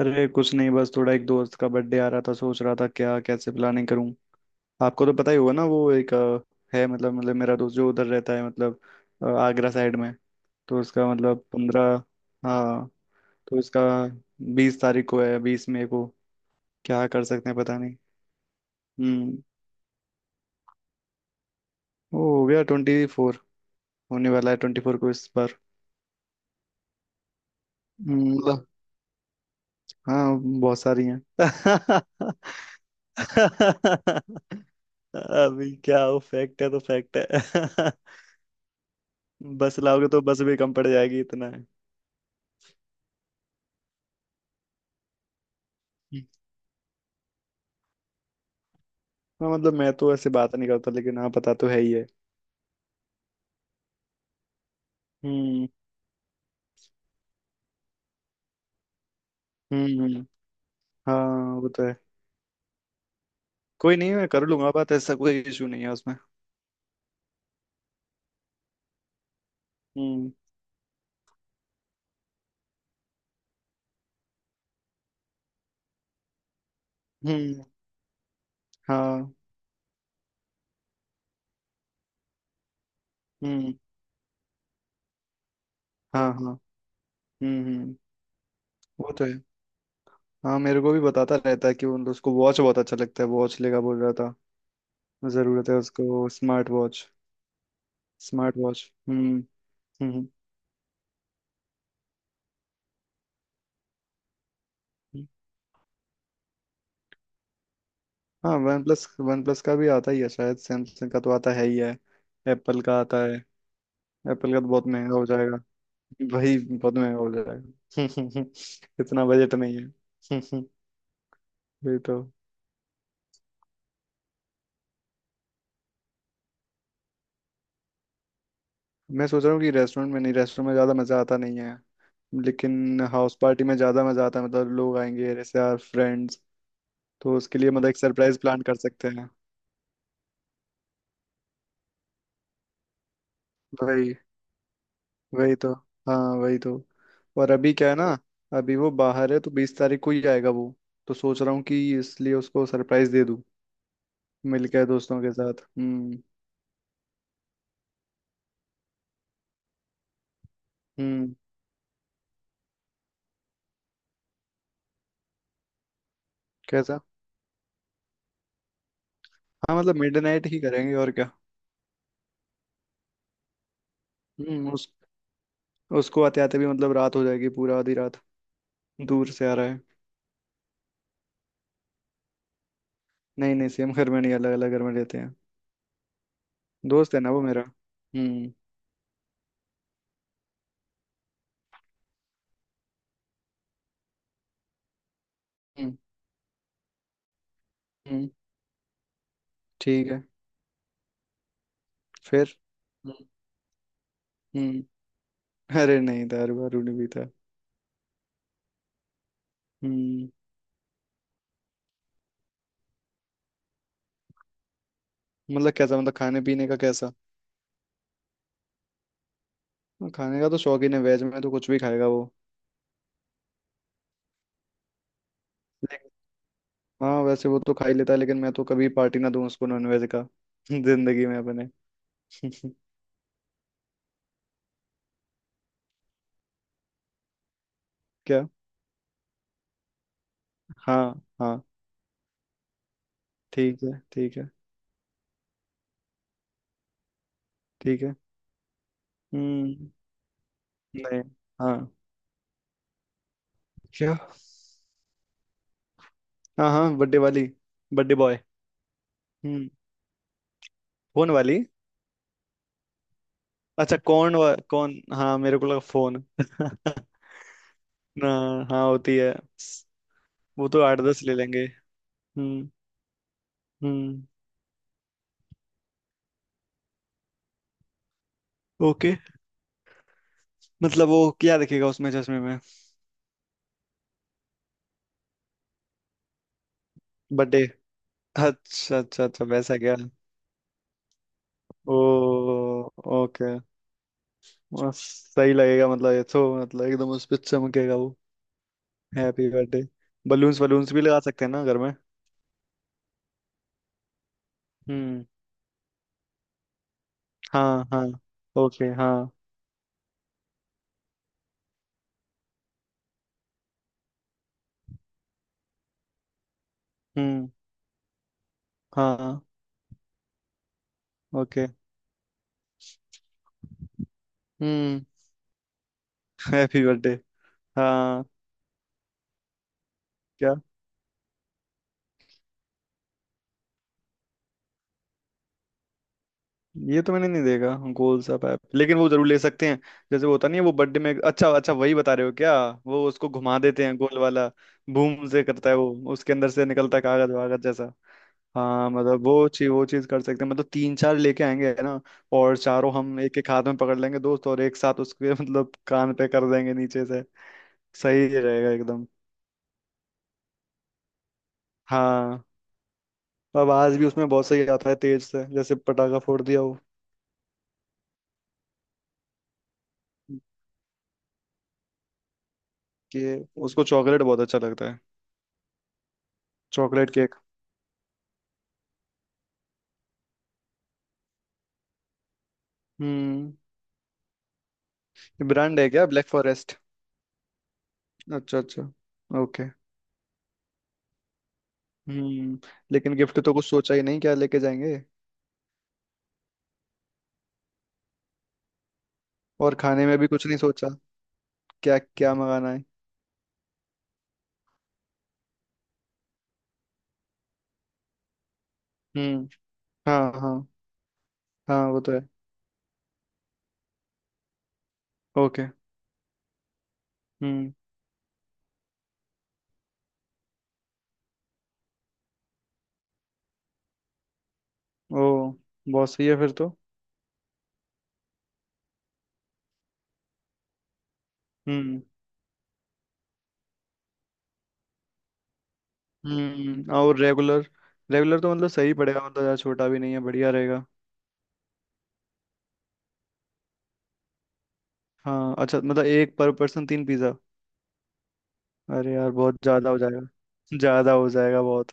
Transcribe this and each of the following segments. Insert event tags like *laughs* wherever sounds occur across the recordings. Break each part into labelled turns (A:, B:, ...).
A: अरे कुछ नहीं, बस थोड़ा एक दोस्त का बर्थडे आ रहा था, सोच रहा था क्या, कैसे प्लानिंग करूं। आपको तो पता ही होगा ना, वो एक है। मतलब मेरा दोस्त जो उधर रहता है, मतलब आगरा साइड में। तो उसका मतलब 15। हाँ। तो उसका 20 तारीख को है, 20 मई को। क्या कर सकते हैं पता नहीं। हम्म। वो हो गया 24। होने वाला है 24 को इस बार। मतलब हाँ, बहुत सारी हैं। *laughs* *laughs* अभी क्या हो, फैक्ट है तो फैक्ट है। *laughs* बस लाओगे तो बस भी कम पड़ जाएगी, इतना है। हाँ, मतलब मैं तो ऐसे बात नहीं करता, लेकिन हाँ, पता तो है ही है। हम्म, हम्म, हम्म। हाँ, वो तो है। कोई नहीं, मैं कर लूंगा बात, ऐसा कोई इशू नहीं है उसमें। हम्म, हम्म। हाँ। हम्म। हाँ, हाँ। हम्म, हम्म। वो तो है। हाँ, मेरे को भी बताता रहता है कि उन उसको वॉच बहुत अच्छा लगता है, वॉच लेगा बोल रहा था। जरूरत है उसको स्मार्ट वॉच। Smart watch. हम्म। हम्म, हाँ, वन प्लस का भी आता ही है शायद। सैमसंग का तो आता है ही है। एप्पल का आता है। एप्पल का तो बहुत महंगा हो जाएगा। भाई, बहुत महंगा हो जाएगा। *laughs* इतना बजट नहीं है। *laughs* वही तो। मैं सोच रहा हूँ कि रेस्टोरेंट में नहीं, रेस्टोरेंट में ज़्यादा मज़ा आता नहीं है, लेकिन हाउस पार्टी में ज़्यादा मज़ा आता है। मतलब लोग आएंगे, रिश्तेदार, फ्रेंड्स। तो उसके लिए मतलब एक सरप्राइज प्लान कर सकते हैं। भाई, वही तो। हाँ, वही तो। और अभी क्या है ना, अभी वो बाहर है, तो 20 तारीख को ही आएगा वो। तो सोच रहा हूँ कि इसलिए उसको सरप्राइज दे दूँ, मिलकर दोस्तों के साथ। हम्म। हम्म कैसा? हाँ, मतलब मिड नाइट ही करेंगे और क्या। उस उसको आते आते भी मतलब रात हो जाएगी, पूरा आधी रात। दूर से आ रहा है। नहीं, नहीं, सेम घर में नहीं, अलग अलग घर में रहते हैं। दोस्त है ना वो मेरा। हम्म, हम्म, हम्म। ठीक है। फिर। हम्म, हम्म। अरे नहीं, दारू वारू नहीं पीता। हम्म। मतलब कैसा? मतलब खाने पीने का कैसा? हाँ, खाने का तो शौकीन है, वेज में तो कुछ भी खाएगा वो। लेकिन- हाँ, वैसे वो तो खा ही लेता है, लेकिन मैं तो कभी पार्टी ना दूं उसको नॉनवेज का। *laughs* जिंदगी में अपने। *laughs* क्या? हाँ, हाँ। ठीक है, ठीक है, ठीक है। हम्म। नहीं। हाँ। क्या? हाँ, हाँ, बर्थडे वाली। Birthday boy. हम्म। फोन वाली। अच्छा, कौन, हाँ मेरे को लगा फोन। *laughs* ना, हाँ, होती है। वो तो 8-10 ले लेंगे। हम्म, हम्म। ओके। मतलब वो क्या दिखेगा उसमें, चश्मे में? बर्थडे। अच्छा, अच्छा, अच्छा, वैसा क्या। ओ। ओके। सही लगेगा, मतलब ये तो मतलब एकदम उस पे चमकेगा वो। Happy birthday. बलून्स बलून्स भी लगा सकते हैं ना घर में। हम्म। हाँ, हाँ। ओके। हाँ। हम्म। हाँ। ओके। हम्म। Happy birthday. हाँ। क्या? ये तो मैंने नहीं देखा गोल सा पैप, लेकिन वो जरूर ले सकते हैं। जैसे वो होता नहीं है वो बर्थडे में, अच्छा अच्छा, वही बता रहे हो क्या? वो उसको घुमा देते हैं, गोल वाला। बूम से करता है वो, उसके अंदर से निकलता है कागज वागज जैसा। हाँ, मतलब वो चीज, वो चीज कर सकते हैं, मतलब तीन चार लेके आएंगे ना। और चारों हम एक एक हाथ में पकड़ लेंगे दोस्त, और एक साथ उसके *laughs* मतलब कान पे कर देंगे नीचे से। सही रहेगा एकदम। हाँ। आवाज भी उसमें बहुत सही आता है, तेज से, जैसे पटाखा फोड़ दिया हो। कि उसको चॉकलेट बहुत अच्छा लगता है। Chocolate cake. हम्म। ब्रांड है क्या ब्लैक फॉरेस्ट? अच्छा, अच्छा। ओके। हम्म। लेकिन गिफ्ट तो कुछ सोचा ही नहीं, क्या लेके जाएंगे। और खाने में भी कुछ नहीं सोचा, क्या क्या मंगाना है। हम्म। हाँ, हाँ। हाँ, वो तो है। ओके। हम्म। ओ, बहुत सही है फिर तो। हम्म, हम्म। और रेगुलर, रेगुलर तो मतलब सही पड़ेगा, मतलब ज़्यादा छोटा भी नहीं है, बढ़िया रहेगा। हाँ, अच्छा, मतलब एक पर पर्सन तीन पिज़्ज़ा? अरे यार, बहुत ज़्यादा हो जाएगा। ज़्यादा हो जाएगा, बहुत।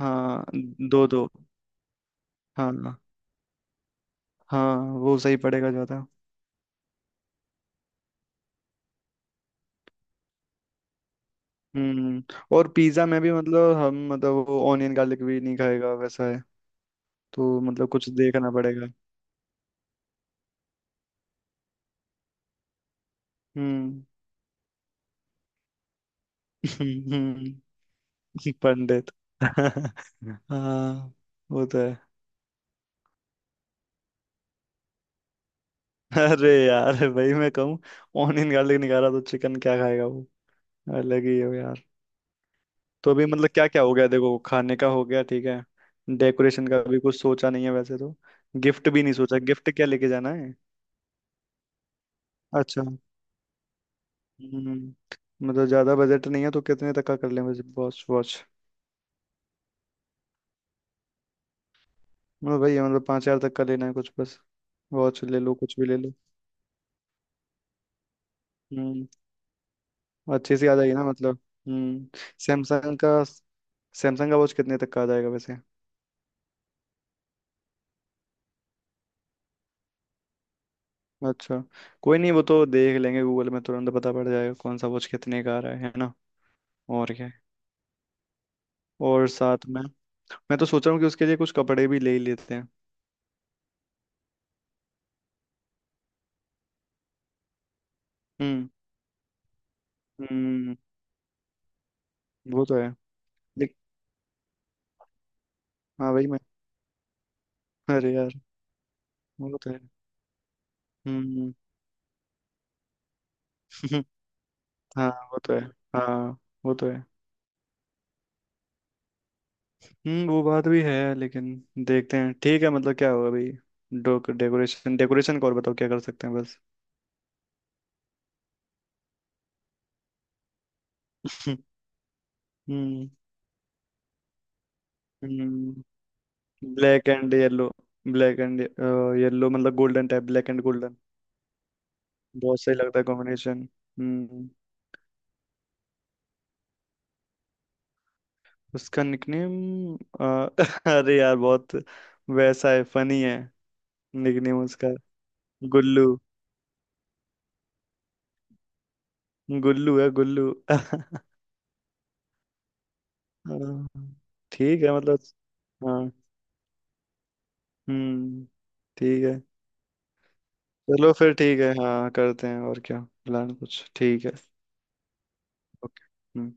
A: हाँ। दो दो। हाँ, हाँ, वो सही पड़ेगा ज़्यादा। हम्म। और पिज़्ज़ा में भी, मतलब हम, मतलब वो ऑनियन गार्लिक भी नहीं खाएगा, वैसा है। तो मतलब कुछ देखना पड़ेगा। हम्म। *laughs* कि पंडित, *laughs* हाँ। वो तो है। अरे यार, भाई मैं कहूँ, ऑनियन गार्लिक नहीं खा रहा तो चिकन क्या खाएगा वो। अलग ही हो यार। तो अभी मतलब क्या क्या हो गया देखो, खाने का हो गया ठीक है। डेकोरेशन का भी कुछ सोचा नहीं है वैसे तो। गिफ्ट भी नहीं सोचा, गिफ्ट क्या लेके जाना है। अच्छा। हम्म। मतलब ज्यादा बजट नहीं है, तो कितने तक का कर लें बस, वॉच वॉच मतलब भाई, मतलब 5,000 तक का लेना है कुछ बस। वॉच ले लो, कुछ भी ले लो। हम्म। अच्छी सी आ जाएगी ना मतलब। हम्म। सैमसंग का। सैमसंग का वॉच कितने तक का आ जाएगा वैसे? अच्छा। कोई नहीं, वो तो देख लेंगे, गूगल में तुरंत पता पड़ जाएगा कौन सा वॉच कितने का आ रहा है ना। और क्या है? और साथ में मैं तो सोच रहा हूँ कि उसके लिए कुछ कपड़े भी ले ही लेते हैं। हम्म, हम्म। वो तो है। देख। हाँ, भाई मैं। अरे यार। वो तो है। हम्म। *laughs* हाँ, वो तो है। हाँ, वो तो है। हम्म। वो बात भी है, लेकिन देखते हैं। ठीक है, मतलब क्या होगा भाई। डोक डेकोरेशन डेकोरेशन को और बताओ क्या कर सकते हैं बस। हम्म, हम्म। Black and yellow. Black and yellow मतलब golden type, black and golden. बहुत सही लगता है कॉम्बिनेशन। हम्म। उसका निकनेम। *laughs* अरे यार, बहुत वैसा है, फनी है। निकनेम उसका। गुल्लू। गुल्लू है, गुल्लू। *laughs* हाँ। ठीक है मतलब। हाँ। हम्म। ठीक है। चलो फिर ठीक है, हाँ करते हैं और क्या। प्लान कुछ ठीक है। ओके।